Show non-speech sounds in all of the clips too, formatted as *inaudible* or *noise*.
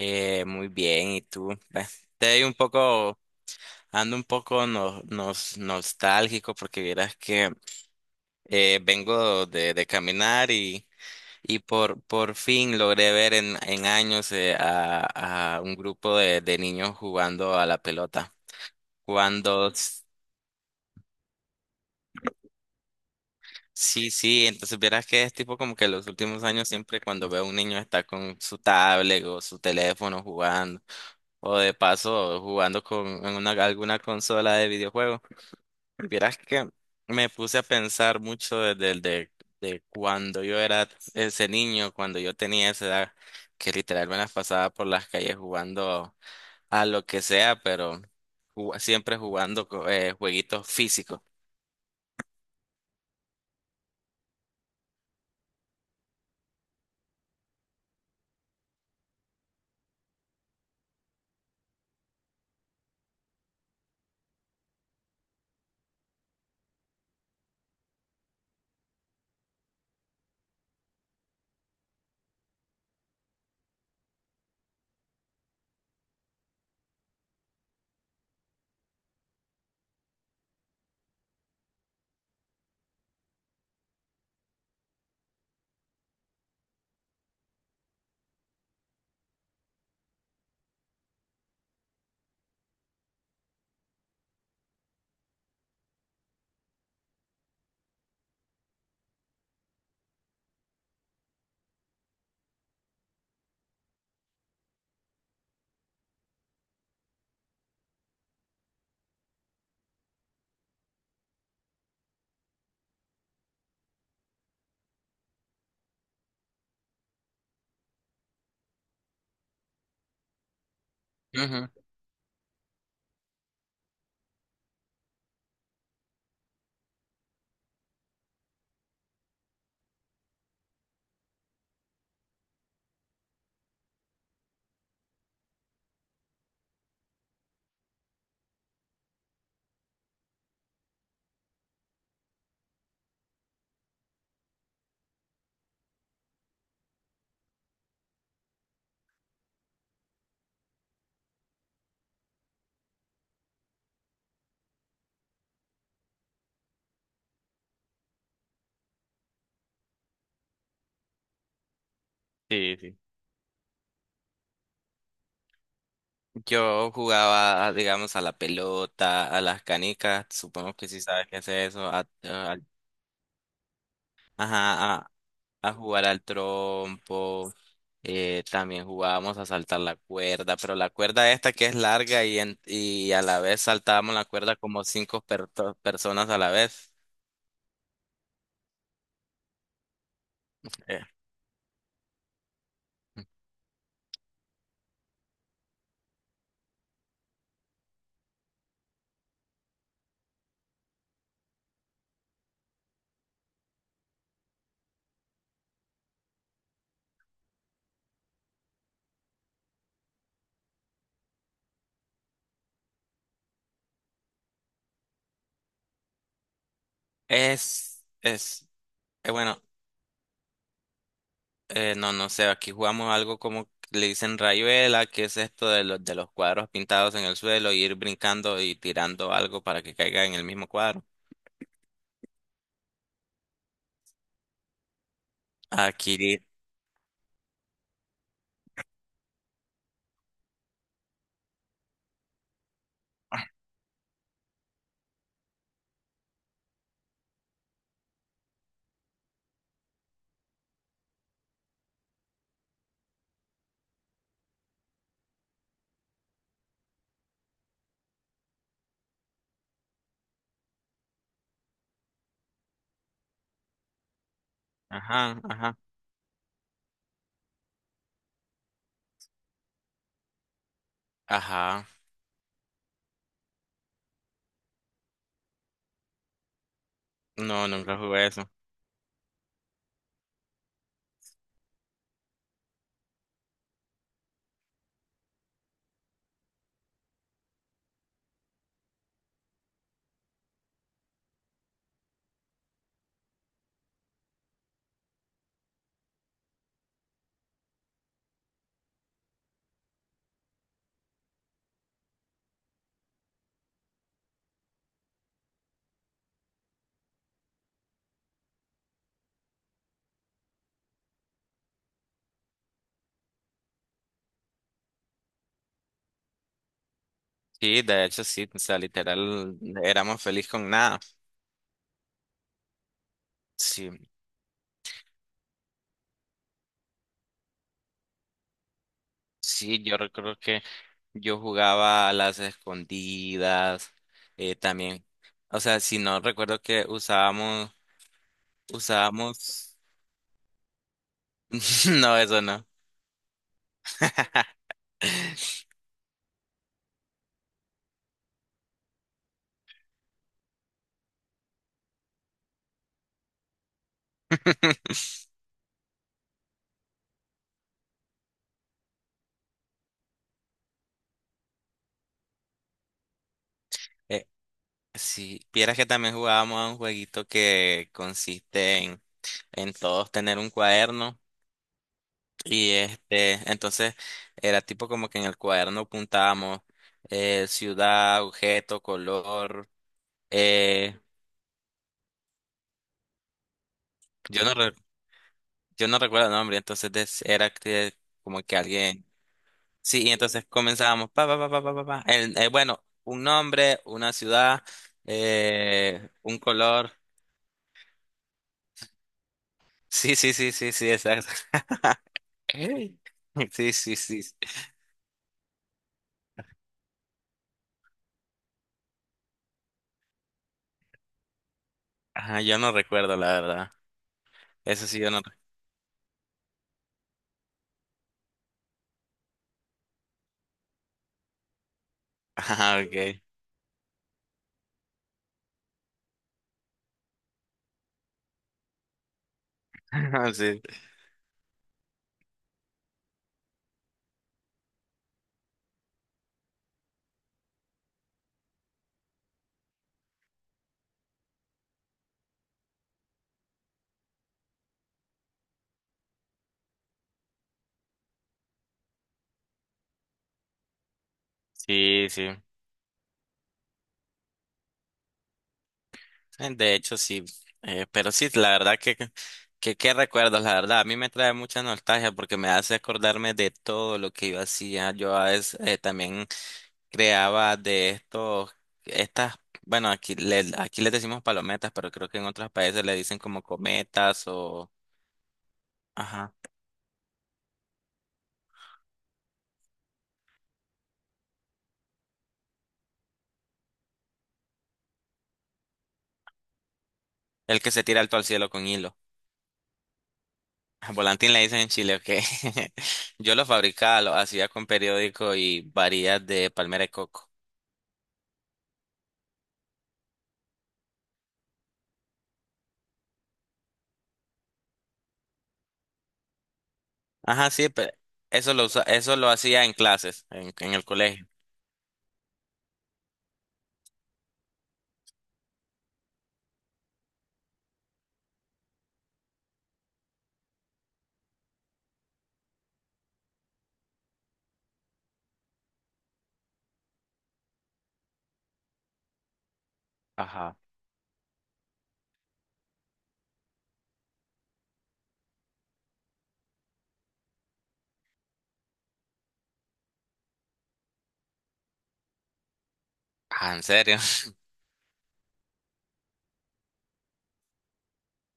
Muy bien, ¿y tú? Ve, estoy un poco, ando un poco nostálgico porque vieras que vengo de caminar y, por fin logré ver en años a un grupo de niños jugando a la pelota. Cuando, s- sí, sí, entonces vieras que es tipo como que los últimos años siempre cuando veo a un niño está con su tablet o su teléfono jugando o de paso jugando con en una, alguna consola de videojuegos. Vieras que me puse a pensar mucho de cuando yo era ese niño, cuando yo tenía esa edad, que literal me las pasaba por las calles jugando a lo que sea, pero siempre jugando jueguitos físicos. Ujú. Sí, sí. Yo jugaba, digamos, a la pelota, a las canicas, supongo que sí sabes qué es eso, ajá, a jugar al trompo, también jugábamos a saltar la cuerda, pero la cuerda esta que es larga y a la vez saltábamos la cuerda como cinco personas a la vez. Eh, Es, es, eh, bueno, no, no sé, aquí jugamos algo como le dicen rayuela, que es esto de los cuadros pintados en el suelo, y ir brincando y tirando algo para que caiga en el mismo cuadro. Aquí, ajá, ajá, ajá, no, nunca jugué eso. Sí, de hecho sí, o sea, literal, éramos feliz con nada. Sí, sí, yo recuerdo que yo jugaba a las escondidas, también, o sea, si no recuerdo que usábamos, usábamos, *laughs* no, eso no. *laughs* Eh, sí, vieras que también jugábamos a un jueguito que consiste en todos tener un cuaderno. Y este, entonces era tipo como que en el cuaderno apuntábamos ciudad, objeto, color. eh, yo no re- yo no recuerdo el nombre, era que como que alguien. Sí, y entonces comenzábamos pa pa pa pa pa pa. Bueno, un nombre, una ciudad, un color. *laughs* Sí, sí, sí, sí, sí, exacto. *laughs* Ey. Sí, sí, sí. Ajá, yo no recuerdo la verdad. Eso sí yo no. *laughs* Ajá, okay. *laughs* Sí, sí, sí. De hecho, sí, pero sí, la verdad que, qué recuerdos, la verdad, a mí me trae mucha nostalgia porque me hace acordarme de todo lo que yo hacía. Yo a veces también creaba de estos, estas, bueno, aquí le, aquí les decimos palometas, pero creo que en otros países le dicen como cometas o, ajá, el que se tira alto al cielo con hilo. *laughs* Volantín le dicen en Chile, ok. *laughs* Yo lo fabricaba, lo hacía con periódico y varillas de palmera de coco. Ajá, sí, pero eso lo hacía en clases, en el colegio. Ajá. Ah, ¿en serio? *laughs*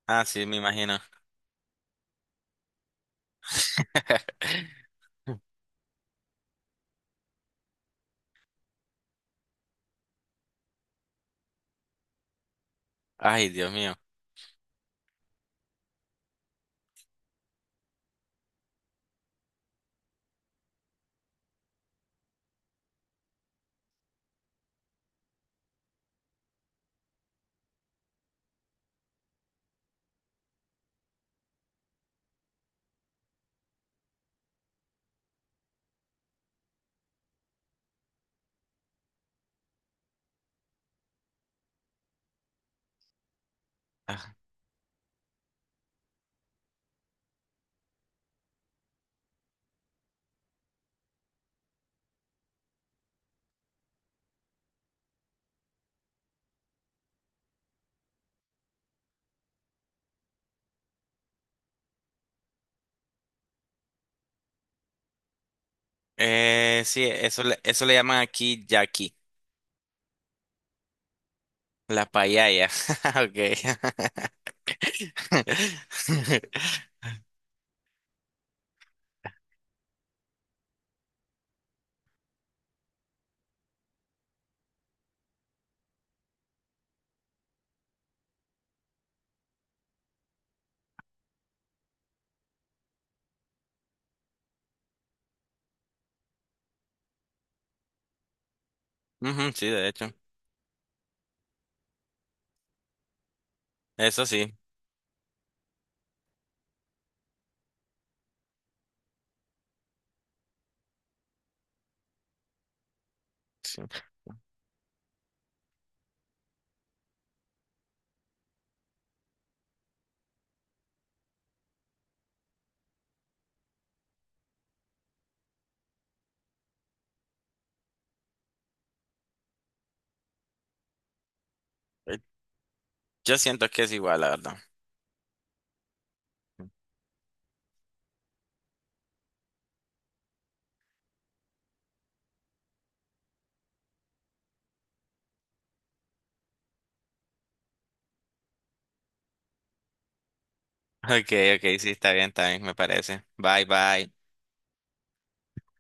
Ah, sí, me imagino. *laughs* Ay, Dios mío. Ah, sí, eso le llaman aquí Jackie, la payaya. *laughs* Okay. *laughs* Ujú, sí, de hecho. Eso sí, sí. Eh, Yo siento que es igual, la verdad. Okay, okay, sí, está bien, me parece. Bye, bye.